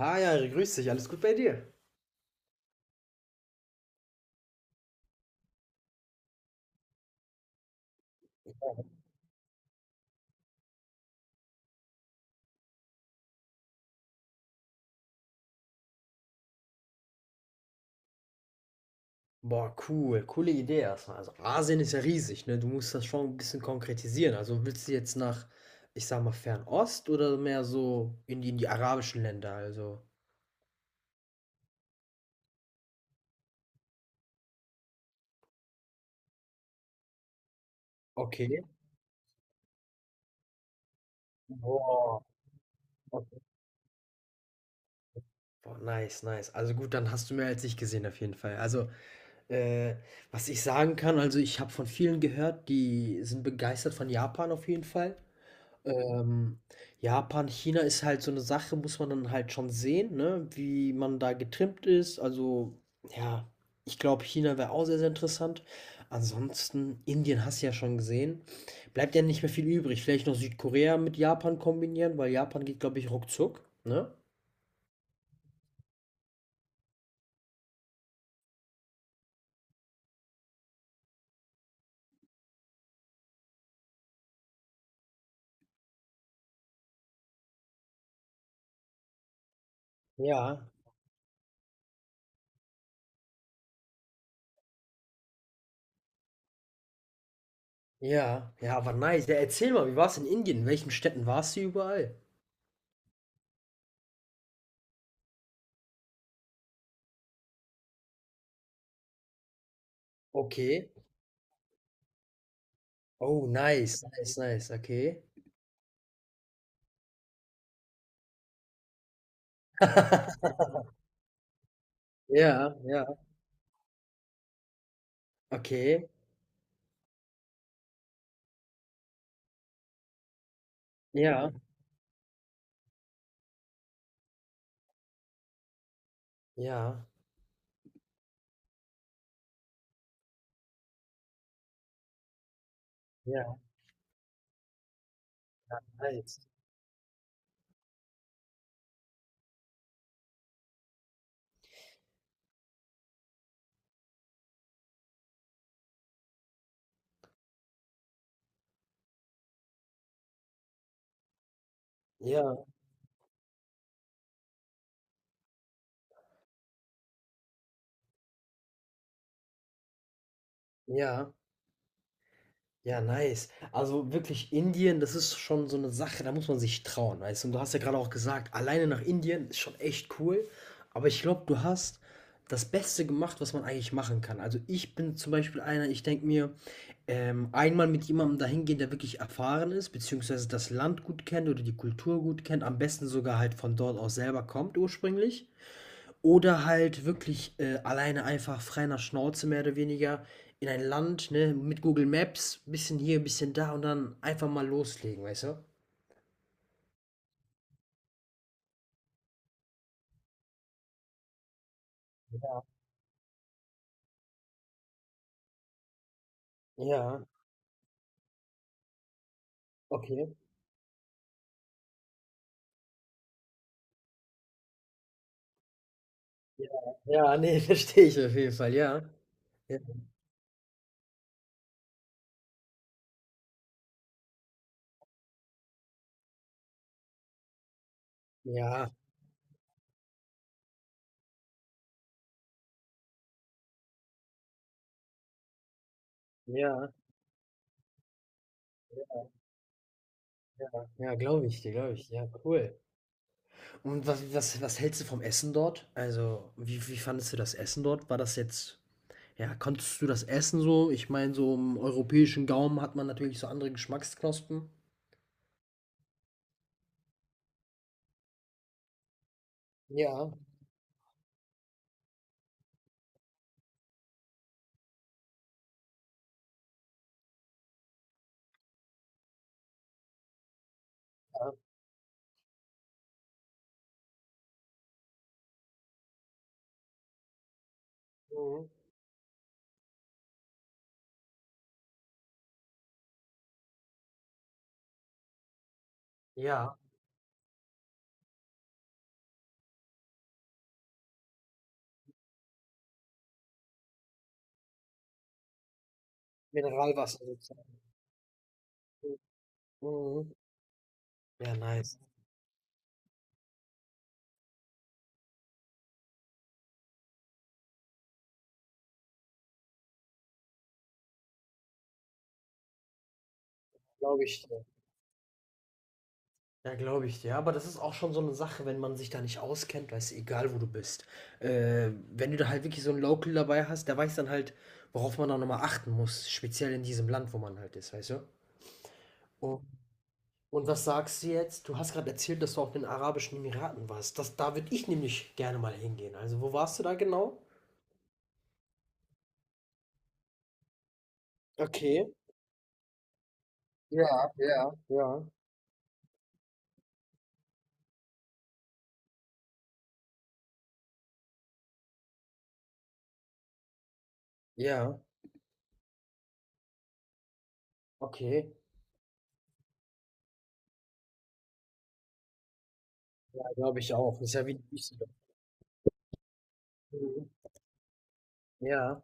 Hi, Ari, grüß dich, alles gut bei dir? Boah, cool, coole Idee erstmal. Also Asien ist ja riesig, ne? Du musst das schon ein bisschen konkretisieren. Also willst du jetzt nach, ich sag mal, Fernost oder mehr so in die arabischen Länder? Also. Okay. Boah. Okay. Boah, nice, nice. Also gut, dann hast du mehr als ich gesehen auf jeden Fall. Also, äh, was ich sagen kann, also ich habe von vielen gehört, die sind begeistert von Japan auf jeden Fall. Ähm, Japan, China ist halt so eine Sache, muss man dann halt schon sehen, ne, wie man da getrimmt ist. Also, ja, ich glaube, China wäre auch sehr, sehr interessant. Ansonsten, Indien hast du ja schon gesehen. Bleibt ja nicht mehr viel übrig. Vielleicht noch Südkorea mit Japan kombinieren, weil Japan geht, glaube ich, ruckzuck, ne? Ja, ja, ja, aber nice. Ja, erzähl mal, wie war's in Indien? In welchen Städten warst du überall? Okay. Oh, nice, nice, nice, okay. Ja, ja, okay. Ja, ja, ja, nice. Ja, ja, ja, nice. Also wirklich Indien, das ist schon so eine Sache, da muss man sich trauen, weißt du? Und du hast ja gerade auch gesagt, alleine nach Indien ist schon echt cool, aber ich glaube, du hast das Beste gemacht, was man eigentlich machen kann. Also, ich bin zum Beispiel einer, ich denke mir, einmal mit jemandem dahin gehen, der wirklich erfahren ist, beziehungsweise das Land gut kennt oder die Kultur gut kennt, am besten sogar halt von dort aus selber kommt ursprünglich. Oder halt wirklich, alleine einfach frei nach Schnauze mehr oder weniger in ein Land, ne, mit Google Maps, bisschen hier, bisschen da und dann einfach mal loslegen, weißt du? Ja, ja, okay. Ja, ja, ne, verstehe ich auf jeden Fall, ja. Ja, ja, ja, ja, ja, glaube ich dir, glaube ich. Ja, cool. Und was hältst du vom Essen dort? Also, wie fandest du das Essen dort? War das jetzt ja, konntest du das essen so? Ich meine, so im europäischen Gaumen hat man natürlich so andere Geschmacksknospen. Ja, ja, mhm. Ja. Mineralwasser sozusagen. Mhm. Ja, nice. Glaube ich dir. Ja, glaube ich dir. Aber das ist auch schon so eine Sache, wenn man sich da nicht auskennt, weißt du, egal wo du bist. Wenn du da halt wirklich so 'n Local dabei hast, der weiß dann halt, worauf man da nochmal achten muss, speziell in diesem Land, wo man halt ist, weißt du? Und und was sagst du jetzt? Du hast gerade erzählt, dass du auch in den Arabischen Emiraten warst. Das da würde ich nämlich gerne mal hingehen. Also, wo warst du da genau? Okay. Ja, ja, ja. Ja, okay. Glaube ich auch. Ist ja wie Düsseldorf. Mhm. Ja.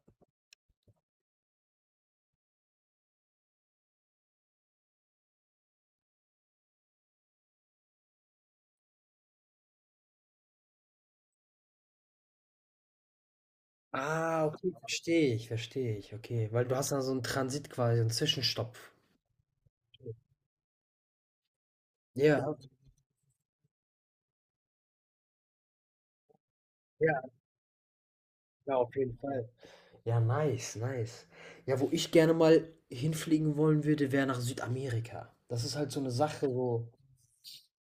Ah, okay, verstehe ich, verstehe ich. Okay, weil du hast dann so einen Transit quasi, so einen Zwischenstopp. Ja, ja, ja, auf jeden Fall. Ja, nice, nice. Ja, wo ich gerne mal hinfliegen wollen würde, wäre nach Südamerika. Das ist halt so eine Sache, so.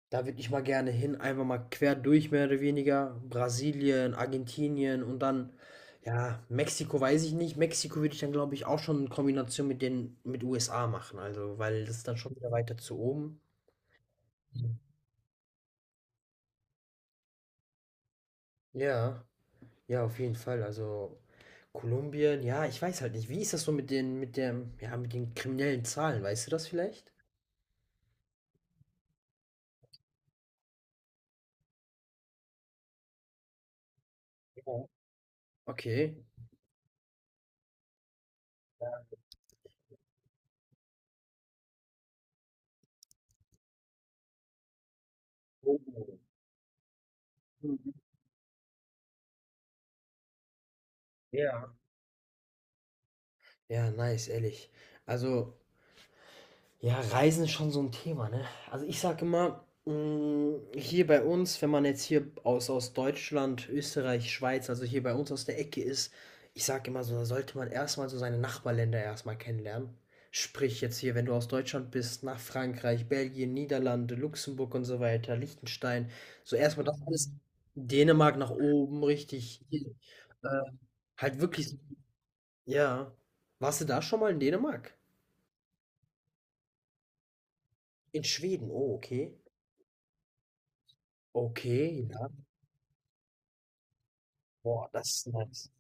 Da würde ich mal gerne hin, einfach mal quer durch mehr oder weniger. Brasilien, Argentinien und dann, ja, Mexiko weiß ich nicht. Mexiko würde ich dann, glaube ich, auch schon in Kombination mit USA machen. Also, weil das ist dann schon wieder weiter zu oben. Mhm. Ja, ja, auf jeden Fall. Also Kolumbien, ja, ich weiß halt nicht. Wie ist das so mit den, mit der, ja, mit den kriminellen Zahlen? Weißt du das vielleicht? Ja. Okay. Oh. Mhm. Ja. Ja, nice, ehrlich. Also. Ja, Reisen ist schon so ein Thema, ne? Also, ich sage immer, hm, hier bei uns, wenn man jetzt hier aus Deutschland, Österreich, Schweiz, also hier bei uns aus der Ecke ist, ich sage immer so, da sollte man erstmal so seine Nachbarländer erstmal kennenlernen. Sprich jetzt hier, wenn du aus Deutschland bist, nach Frankreich, Belgien, Niederlande, Luxemburg und so weiter, Liechtenstein. So erstmal das alles Dänemark nach oben, richtig hier, äh, halt wirklich so, ja. Warst du da schon mal in Dänemark? In Schweden, oh, okay. Okay, ja. Boah, das ist nice.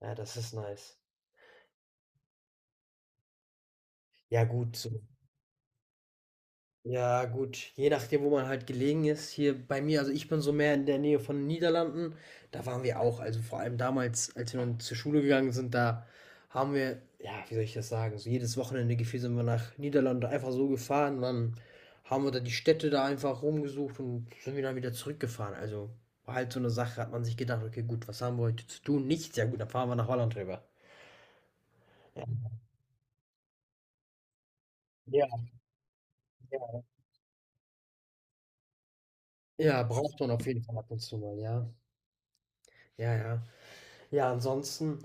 Ja, das ist nice. Ja, gut, so. Ja, gut. Je nachdem, wo man halt gelegen ist. Hier bei mir, also ich bin so mehr in der Nähe von den Niederlanden. Da waren wir auch. Also vor allem damals, als wir noch zur Schule gegangen sind, da haben wir, ja, wie soll ich das sagen? So jedes Wochenende gefühlt sind wir nach Niederlande einfach so gefahren. Dann haben wir da die Städte da einfach rumgesucht und sind wir dann wieder zurückgefahren. Also war halt so eine Sache, hat man sich gedacht, okay, gut, was haben wir heute zu tun? Nichts. Ja, gut, dann fahren wir nach Holland rüber. Ja, ja. Ja, braucht man auf jeden Fall ab und zu mal, ja. Ja, ja. Ja, ansonsten,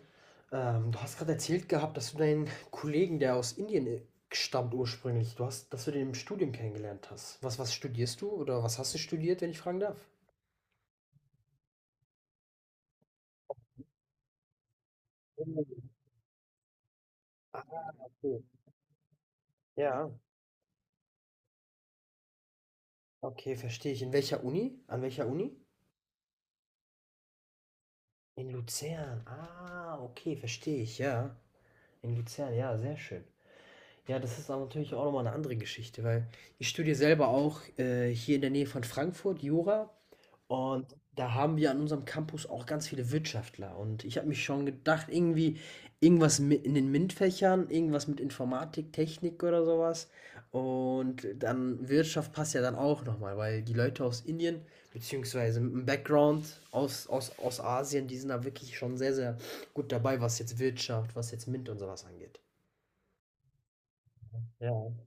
du hast gerade erzählt gehabt, dass du deinen Kollegen, der aus Indien, stammt ursprünglich, du hast, dass du den im Studium kennengelernt hast. Was studierst du oder was hast du studiert, wenn ich fragen darf? Oh, ah, okay. Ja, okay, verstehe ich. In welcher Uni? An welcher Uni? In Luzern. Ah, okay, verstehe ich, ja. In Luzern, ja, sehr schön. Ja, das ist aber natürlich auch noch mal 'ne andere Geschichte, weil ich studiere selber auch, hier in der Nähe von Frankfurt Jura. Und da haben wir an unserem Campus auch ganz viele Wirtschaftler. Und ich habe mich schon gedacht, irgendwie irgendwas mit in den MINT-Fächern, irgendwas mit Informatik, Technik oder sowas. Und dann Wirtschaft passt ja dann auch nochmal, weil die Leute aus Indien, beziehungsweise mit einem Background aus Asien, die sind da wirklich schon sehr, sehr gut dabei, was jetzt Wirtschaft, was jetzt MINT und sowas angeht. Ja.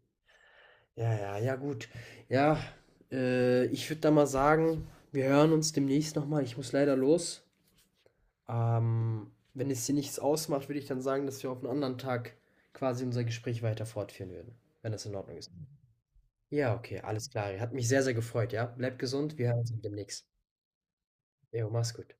Ja, ja, ja, gut. Ja, ich würde da mal sagen, wir hören uns demnächst nochmal. Ich muss leider los. Wenn es dir nichts ausmacht, würde ich dann sagen, dass wir auf einen anderen Tag quasi unser Gespräch weiter fortführen würden, wenn das in Ordnung ist. Ja, okay, alles klar. Hat mich sehr, sehr gefreut, ja? Bleibt gesund, wir hören uns demnächst. Jo, mach's gut.